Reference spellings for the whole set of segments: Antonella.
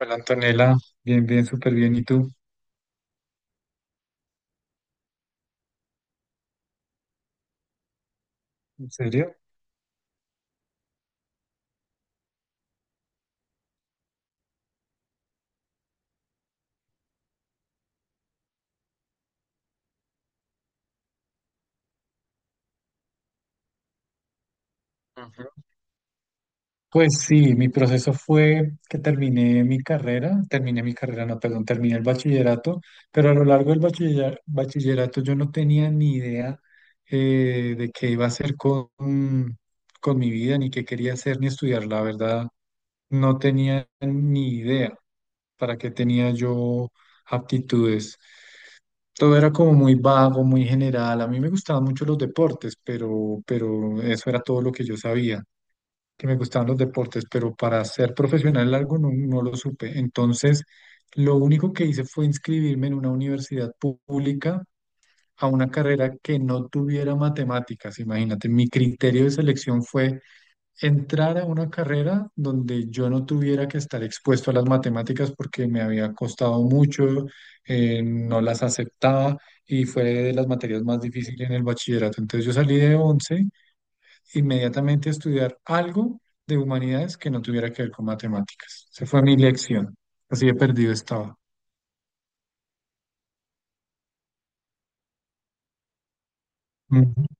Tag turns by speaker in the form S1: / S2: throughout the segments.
S1: Hola Antonella, bien, bien, súper bien. ¿Y tú? ¿En serio? Ujú. Pues sí, mi proceso fue que terminé mi carrera, no, perdón, terminé el bachillerato, pero a lo largo del bachillerato yo no tenía ni idea de qué iba a hacer con mi vida, ni qué quería hacer, ni estudiar. La verdad, no tenía ni idea para qué tenía yo aptitudes. Todo era como muy vago, muy general. A mí me gustaban mucho los deportes, pero eso era todo lo que yo sabía, que me gustaban los deportes, pero para ser profesional en algo no, no lo supe. Entonces, lo único que hice fue inscribirme en una universidad pública, a una carrera que no tuviera matemáticas. Imagínate, mi criterio de selección fue entrar a una carrera donde yo no tuviera que estar expuesto a las matemáticas porque me había costado mucho, no las aceptaba y fue de las materias más difíciles en el bachillerato. Entonces yo salí de 11 inmediatamente a estudiar algo de humanidades que no tuviera que ver con matemáticas. Esa fue mi lección. Así de perdido estaba. Ujú.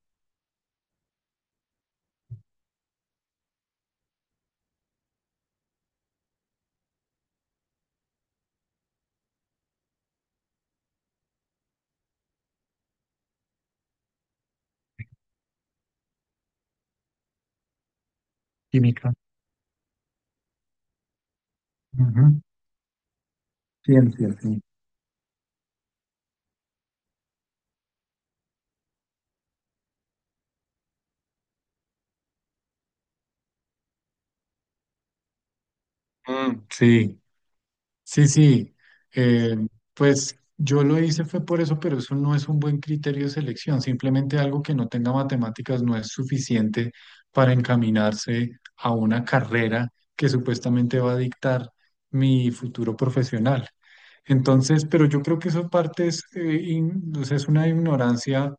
S1: Química. Ujú. Ciencia, sí. Mm, sí. Sí, sí, eh, pues yo lo hice fue por eso, pero eso no es un buen criterio de selección. Simplemente algo que no tenga matemáticas no es suficiente para encaminarse a una carrera que supuestamente va a dictar mi futuro profesional. Entonces, pero yo creo que eso parte es, o sea, es una ignorancia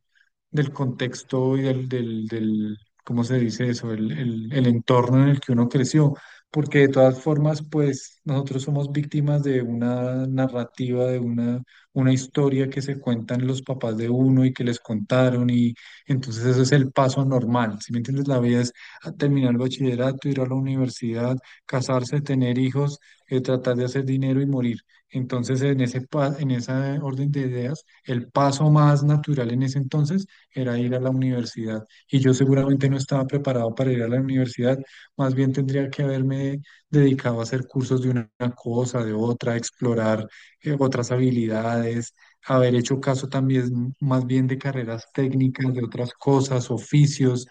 S1: del contexto y ¿cómo se dice eso? El entorno en el que uno creció, porque de todas formas, pues nosotros somos víctimas de una narrativa, de una historia que se cuentan los papás de uno y que les contaron, y entonces eso es el paso normal, ¿si me entiendes? La vida es a terminar el bachillerato, ir a la universidad, casarse, tener hijos, tratar de hacer dinero y morir. Entonces, en en esa orden de ideas, el paso más natural en ese entonces era ir a la universidad. Y yo seguramente no estaba preparado para ir a la universidad, más bien tendría que haberme dedicado a hacer cursos de una cosa, de otra, explorar otras habilidades, haber hecho caso también más bien de carreras técnicas, de otras cosas, oficios,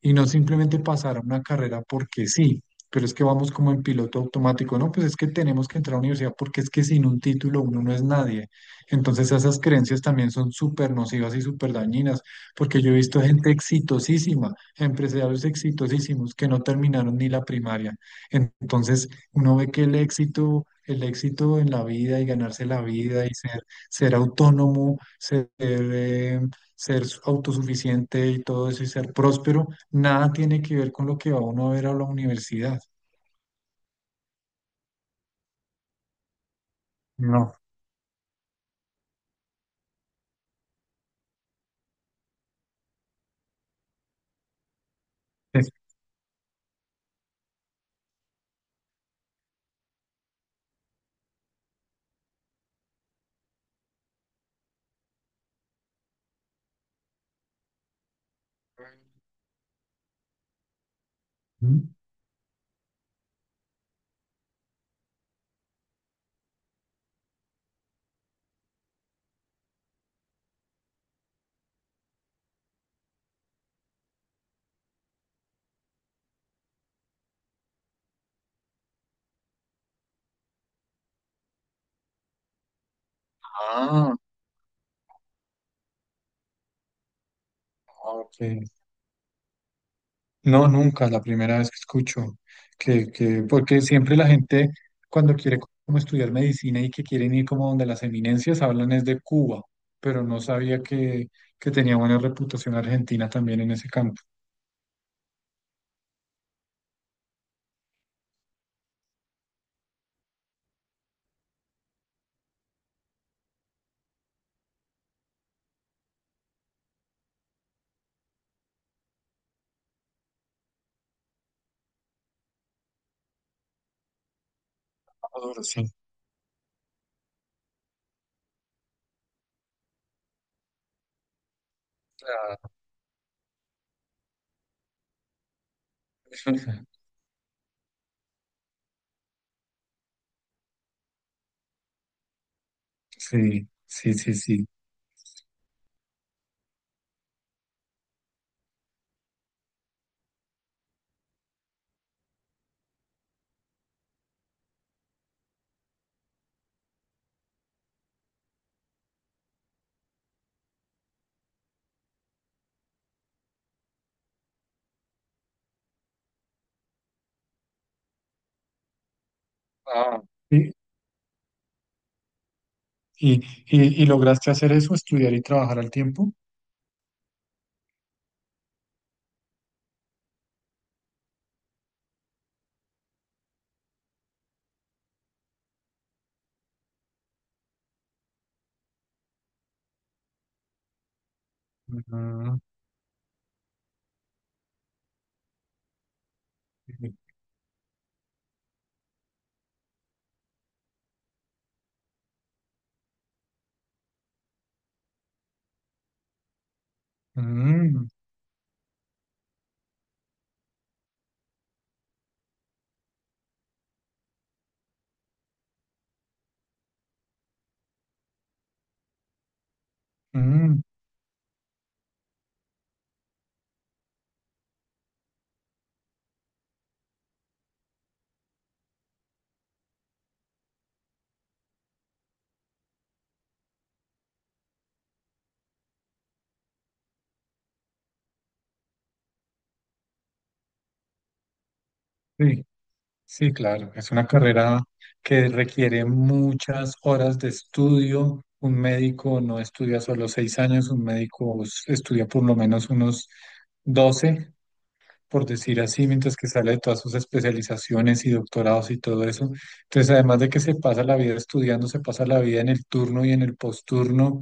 S1: y no simplemente pasar a una carrera porque sí, pero es que vamos como en piloto automático, no, pues es que tenemos que entrar a la universidad porque es que sin un título uno no es nadie. Entonces esas creencias también son súper nocivas y súper dañinas, porque yo he visto gente exitosísima, empresarios exitosísimos que no terminaron ni la primaria. Entonces uno ve que el éxito... El éxito en la vida y ganarse la vida y ser, ser autónomo, ser, ser autosuficiente y todo eso y ser próspero, nada tiene que ver con lo que va uno a ver a la universidad. No. es- ¿Mm? Ah, ok. No, nunca, la primera vez que escucho. Que, porque siempre la gente, cuando quiere como estudiar medicina y que quieren ir como donde las eminencias, hablan es de Cuba, pero no sabía que tenía buena reputación Argentina también en ese campo. Ahora sí. Ah, sí, sí, sí, sí. Ah. ¿Y, y, y lograste hacer eso, estudiar y trabajar al tiempo? Ujú. Mm, mm, sí, sí, claro. Es una carrera que requiere muchas horas de estudio. Un médico no estudia solo 6 años, un médico estudia por lo menos unos 12, por decir así, mientras que sale de todas sus especializaciones y doctorados y todo eso. Entonces, además de que se pasa la vida estudiando, se pasa la vida en el turno y en el posturno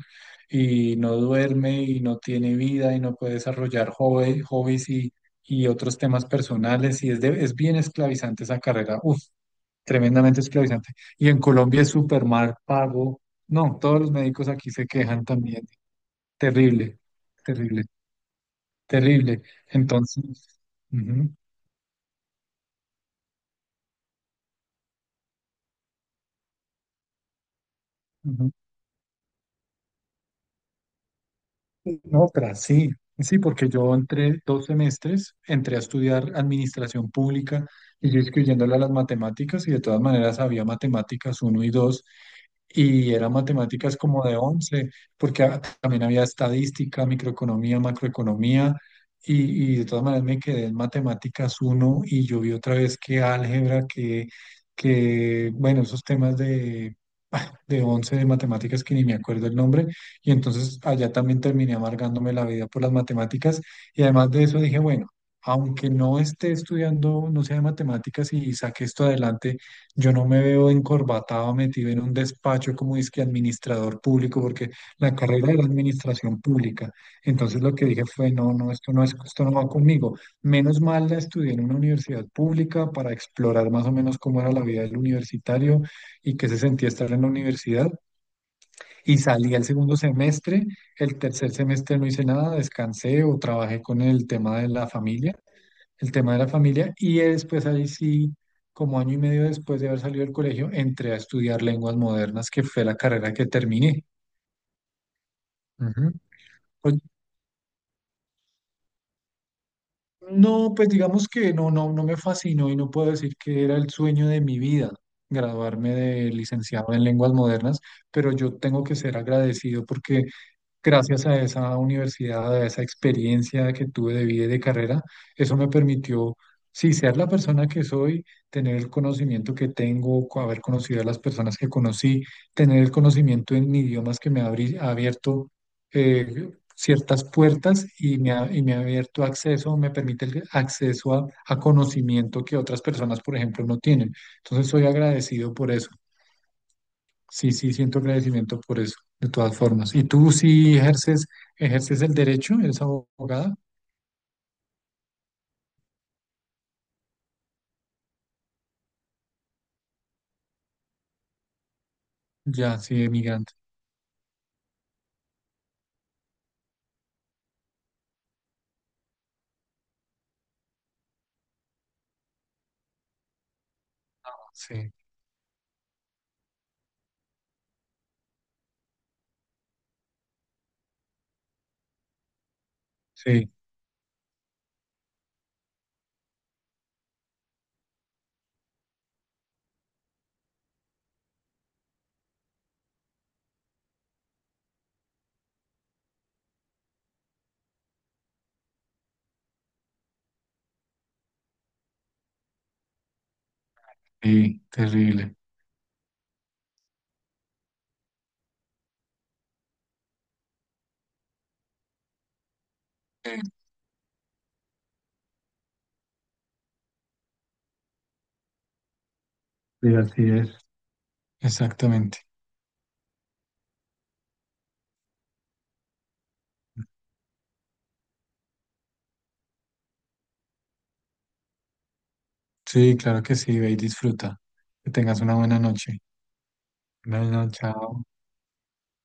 S1: y no duerme y no tiene vida y no puede desarrollar hobbies y otros temas personales y es bien esclavizante esa carrera. Uf, tremendamente esclavizante. Y en Colombia es súper mal pago. No, todos los médicos aquí se quejan también. Terrible, terrible, terrible. Entonces, ujú, ujú. No, otra, sí, sí, porque yo entré 2 semestres, entré a estudiar administración pública, y yo excluyéndole a las matemáticas y de todas maneras había matemáticas uno y dos, y eran matemáticas como de 11 porque también había estadística, microeconomía, macroeconomía y de todas maneras me quedé en matemáticas uno y yo vi otra vez que álgebra, que bueno, esos temas de 11 de matemáticas que ni me acuerdo el nombre, y entonces allá también terminé amargándome la vida por las matemáticas, y además de eso dije, bueno, aunque no esté estudiando, no sea de matemáticas y saque esto adelante, yo no me veo encorbatado, metido en un despacho como que administrador público, porque la carrera era administración pública. Entonces lo que dije fue, no, no, esto no es, esto no va conmigo. Menos mal la estudié en una universidad pública para explorar más o menos cómo era la vida del universitario y qué se sentía estar en la universidad. Y salí al segundo semestre, el tercer semestre no hice nada, descansé o trabajé con el tema de la familia, el tema de la familia, y después ahí sí, como año y medio después de haber salido del colegio, entré a estudiar lenguas modernas, que fue la carrera que terminé. Ujú. Pues, no, pues digamos que no, no, no me fascinó y no puedo decir que era el sueño de mi vida graduarme de licenciado en lenguas modernas, pero yo tengo que ser agradecido porque gracias a esa universidad, a esa experiencia que tuve de vida y de carrera, eso me permitió, sí, ser la persona que soy, tener el conocimiento que tengo, haber conocido a las personas que conocí, tener el conocimiento en idiomas que me ha ha abierto ciertas puertas y me ha abierto acceso, me permite el acceso a conocimiento que otras personas, por ejemplo, no tienen. Entonces, soy agradecido por eso. Sí, sí, siento agradecimiento por eso, de todas formas. ¿Y tú sí ejerces, ejerces el derecho? ¿Eres abogada? Ya, sí, emigrante. Sí, sí, sí, terrible. Sí, así es. Exactamente. Sí, claro que sí, ve y disfruta. Que tengas una buena noche. Buenas noches, chao.